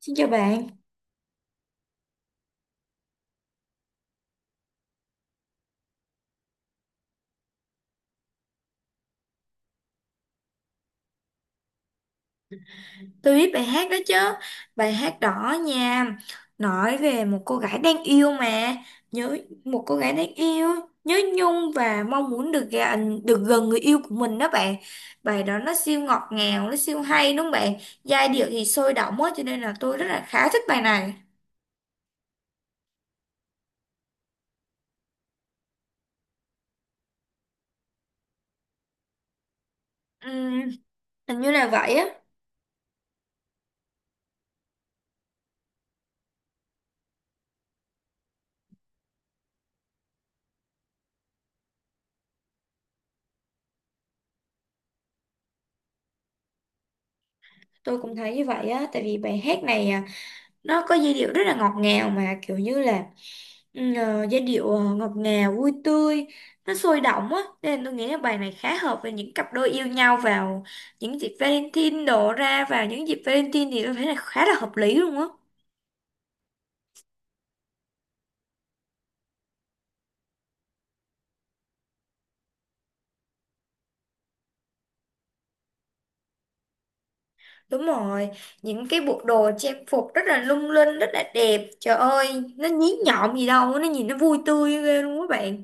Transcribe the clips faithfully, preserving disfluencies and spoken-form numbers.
Xin chào bạn, tôi biết bài hát đó chứ. Bài hát đỏ nha. Nói về một cô gái đang yêu mà nhớ, một cô gái đang yêu, nhớ nhung và mong muốn được gần, được gần người yêu của mình đó bạn. Bài đó nó siêu ngọt ngào, nó siêu hay đúng không bạn? Giai điệu thì sôi động quá cho nên là tôi rất là khá thích bài này. Ừm, Hình như là vậy á. Tôi cũng thấy như vậy á. Tại vì bài hát này à, nó có giai điệu rất là ngọt ngào mà kiểu như là ừ, ờ, giai điệu ờ, ngọt ngào vui tươi, nó sôi động á, nên tôi nghĩ là bài này khá hợp với những cặp đôi yêu nhau vào những dịp Valentine đổ ra vào những dịp Valentine thì tôi thấy là khá là hợp lý luôn á. Đúng rồi, những cái bộ đồ trang phục rất là lung linh, rất là đẹp, trời ơi nó nhí nhọn gì đâu, nó nhìn nó vui tươi ghê luôn các bạn.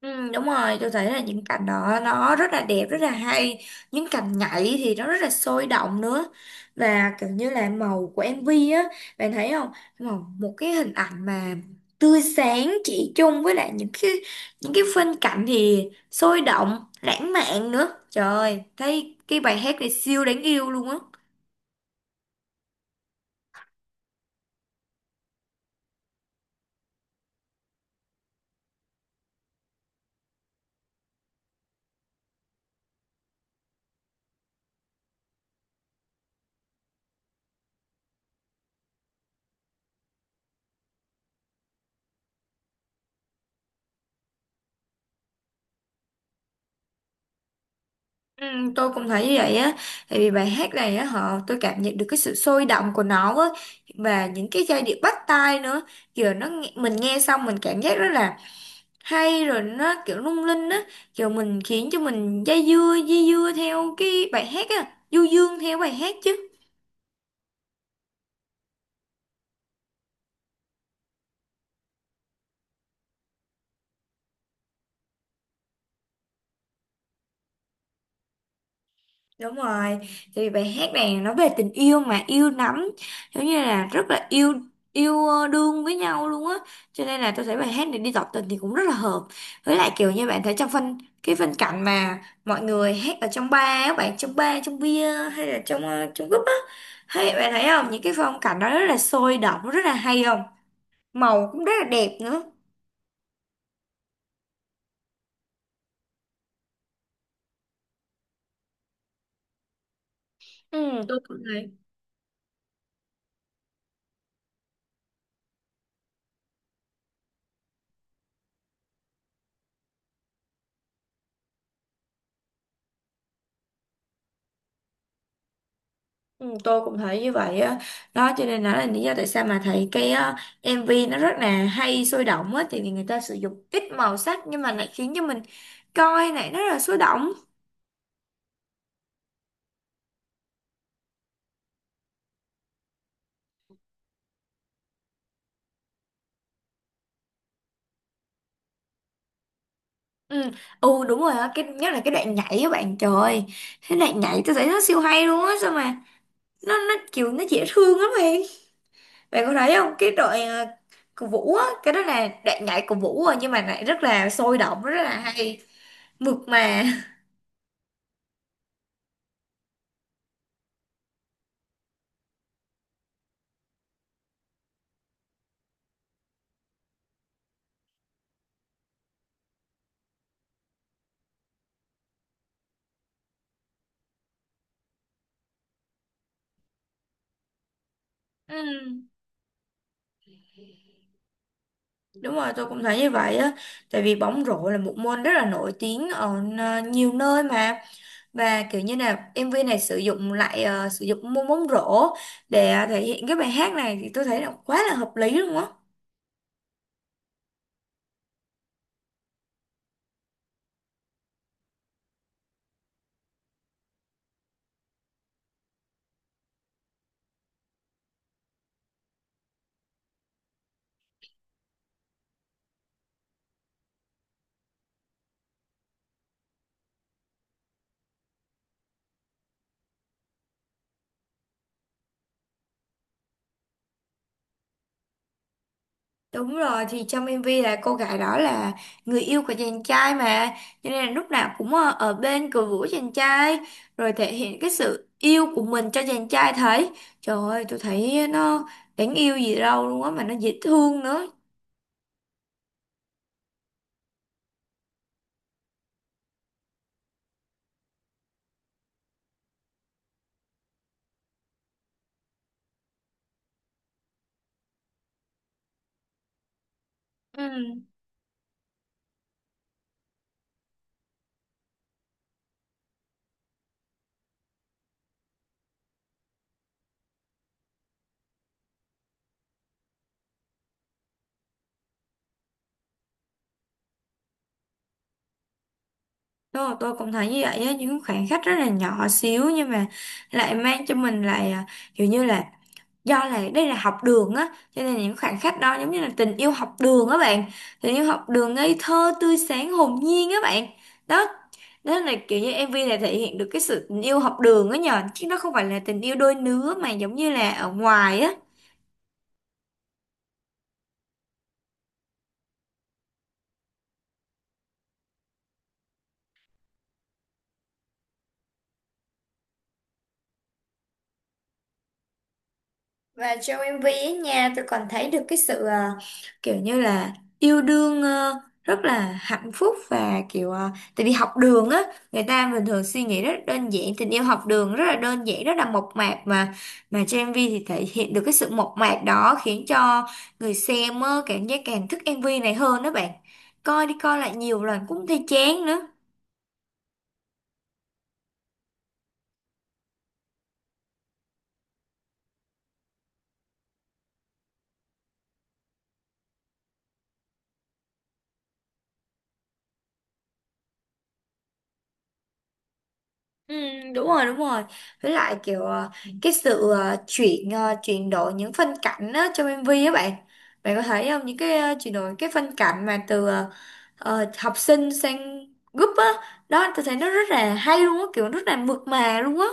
Ừ, đúng rồi, tôi thấy là những cảnh đó nó rất là đẹp rất là hay, những cảnh nhảy thì nó rất là sôi động nữa, và kiểu như là màu của em vê á, bạn thấy không, màu một cái hình ảnh mà tươi sáng chỉ chung với lại những cái những cái phân cảnh thì sôi động lãng mạn nữa, trời ơi, thấy cái bài hát này siêu đáng yêu luôn á. Ừ, tôi cũng thấy như vậy á, tại vì bài hát này á, họ tôi cảm nhận được cái sự sôi động của nó á, và những cái giai điệu bắt tai nữa, kiểu nó nghe- mình nghe xong mình cảm giác rất là hay, rồi nó kiểu lung linh á, kiểu mình khiến cho mình dây dưa dây dưa theo cái bài hát á, du dương theo bài hát chứ. Đúng rồi, thì bài hát này nó về tình yêu mà, yêu lắm, giống như là rất là yêu, yêu ờ, đương với nhau luôn á, cho nên là tôi thấy bài hát này đi tỏ tình thì cũng rất là hợp. Với lại kiểu như bạn thấy trong phân cái phân cảnh mà mọi người hát ở trong bar, á, bạn trong bar, trong bia hay là trong ờ, trong group á, hay bạn thấy không? Những cái phong cảnh đó rất là sôi động, rất là hay không? Màu cũng rất là đẹp nữa. Ừ. Tôi cũng thấy. Ừ, tôi cũng thấy như vậy á, đó cho nên là lý do tại sao mà thấy cái á, em vê nó rất là hay sôi động á, thì người ta sử dụng ít màu sắc nhưng mà lại khiến cho mình coi này nó rất là sôi động. ừ, ừ đúng rồi á, cái nhất là cái đoạn nhảy á bạn, trời ơi, cái đoạn nhảy tôi thấy nó siêu hay luôn á, sao mà nó nó kiểu nó dễ thương lắm bạn, bạn có thấy không cái đoạn à, của Vũ á, cái đó là đoạn nhảy của Vũ rồi nhưng mà lại rất là sôi động rất là hay, mượt mà. Ừ. Đúng rồi, tôi cũng thấy như vậy á. Tại vì bóng rổ là một môn rất là nổi tiếng ở ờ, nhiều nơi mà. Và kiểu như là em vê này sử dụng lại ờ, sử dụng môn bóng rổ để ờ, thể hiện cái bài hát này thì tôi thấy là quá là hợp lý luôn á. Đúng rồi, thì trong em vê là cô gái đó là người yêu của chàng trai mà. Cho nên là lúc nào cũng ờ, ở bên cổ vũ chàng trai. Rồi thể hiện cái sự yêu của mình cho chàng trai thấy. Trời ơi, tôi thấy nó đáng yêu gì đâu luôn á mà nó dễ thương nữa. Ừ. Tôi, tôi cũng thấy như vậy á, những khoảng cách rất là nhỏ xíu nhưng mà lại mang cho mình lại à, kiểu như là, do là đây là học đường á cho nên những khoảng cách đó giống như là tình yêu học đường á bạn, tình yêu học đường ngây thơ tươi sáng hồn nhiên á bạn. Đó, đó là kiểu như em vê này thể hiện được cái sự tình yêu học đường á nhờ, chứ nó không phải là tình yêu đôi lứa mà giống như là ở ngoài á. Và trong em vê ấy nha, tôi còn thấy được cái sự à, kiểu như là yêu đương ờ, rất là hạnh phúc và kiểu à, tại vì học đường á, người ta bình thường suy nghĩ rất là đơn giản, tình yêu học đường rất là đơn giản, rất là mộc mạc mà mà trong em vê thì thể hiện được cái sự mộc mạc đó khiến cho người xem á, cảm giác càng thích em vê này hơn đó bạn. Coi đi coi lại nhiều lần cũng thấy chán nữa. Ừ, đúng rồi đúng rồi, với lại kiểu ờ, cái sự ờ, chuyển ờ, chuyển đổi những phân cảnh á, trong em vê á bạn, bạn có thấy không những cái ờ, chuyển đổi cái phân cảnh mà từ ờ, ờ, học sinh sang group á, đó tôi thấy nó rất là hay luôn á, kiểu rất là mượt mà luôn á.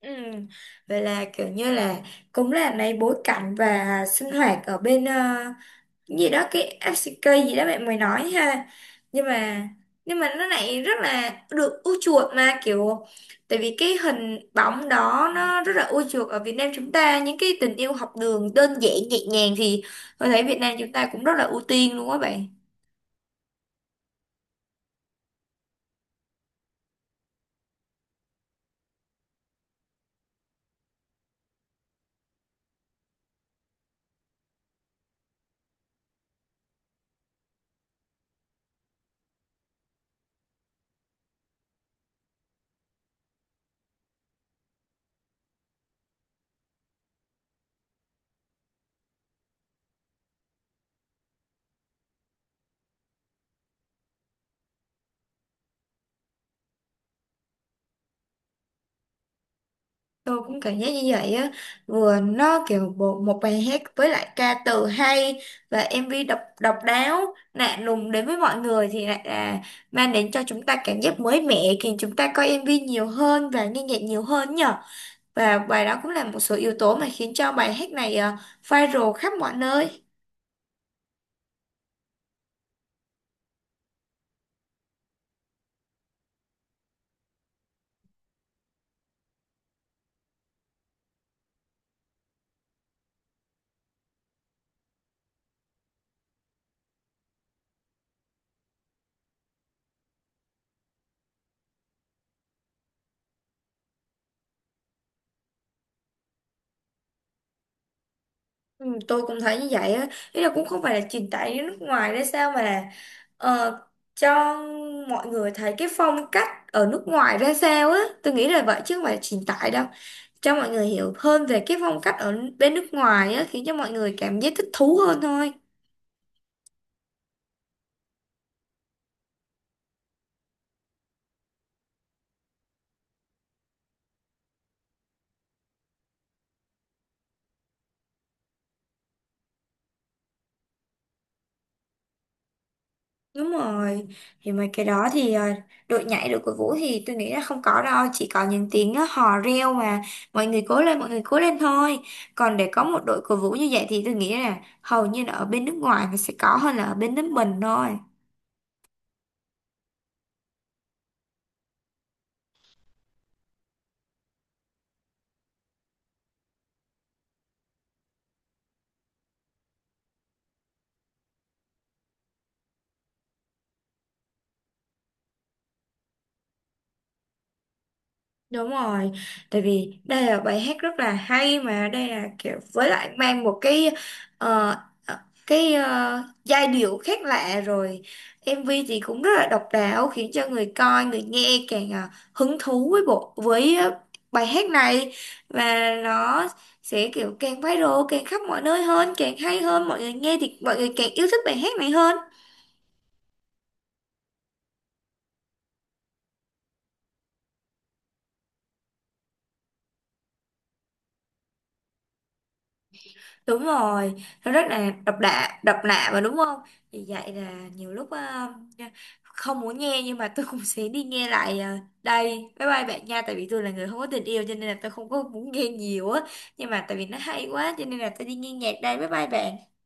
Ừ. Vậy là kiểu như là cũng là lấy bối cảnh và sinh hoạt ở bên ờ, gì đó, cái ép xê ca gì đó bạn mới nói ha, nhưng mà nhưng mà nó lại rất là được ưa chuộng, mà kiểu, tại vì cái hình bóng đó nó rất là ưa chuộng ở Việt Nam chúng ta, những cái tình yêu học đường đơn giản nhẹ nhàng thì tôi thấy Việt Nam chúng ta cũng rất là ưu tiên luôn á bạn. Tôi cũng cảm giác như vậy á, vừa nó kiểu bộ một bài hát với lại ca từ hay, và em vê độc độc đáo lạ lùng đến với mọi người thì lại là mang đến cho chúng ta cảm giác mới mẻ, khiến chúng ta coi em vê nhiều hơn và nghe nhạc nhiều hơn nhở, và bài đó cũng là một số yếu tố mà khiến cho bài hát này ờ, viral khắp mọi nơi. Ừ, tôi cũng thấy như vậy á, ý là cũng không phải là truyền tải đến nước ngoài đấy sao, mà là ờ, cho mọi người thấy cái phong cách ở nước ngoài ra sao á, tôi nghĩ là vậy chứ không phải là truyền tải đâu, cho mọi người hiểu hơn về cái phong cách ở bên nước ngoài á, khiến cho mọi người cảm giác thích thú hơn thôi. Đúng rồi, thì mấy cái đó thì ờ, đội nhảy đội cổ vũ thì tôi nghĩ là không có đâu, chỉ có những tiếng ờ, hò reo mà mọi người cố lên, mọi người cố lên thôi. Còn để có một đội cổ vũ như vậy thì tôi nghĩ là hầu như là ở bên nước ngoài nó sẽ có hơn là ở bên nước mình thôi. Đúng rồi, tại vì đây là bài hát rất là hay mà, đây là kiểu với lại mang một cái ờ, ờ, cái ờ, giai điệu khác lạ rồi, em vê thì cũng rất là độc đáo khiến cho người coi người nghe càng ờ, hứng thú với bộ với ờ, bài hát này, và nó sẽ kiểu càng viral càng khắp mọi nơi hơn, càng hay hơn, mọi người nghe thì mọi người càng yêu thích bài hát này hơn. Đúng rồi, nó rất là độc lạ độc lạ mà đúng không, vì vậy là nhiều lúc ờ, không muốn nghe nhưng mà tôi cũng sẽ đi nghe lại ờ, đây, bye bye bạn nha, tại vì tôi là người không có tình yêu cho nên là tôi không có muốn nghe nhiều á, nhưng mà tại vì nó hay quá cho nên là tôi đi nghe nhạc đây, bye bye bạn.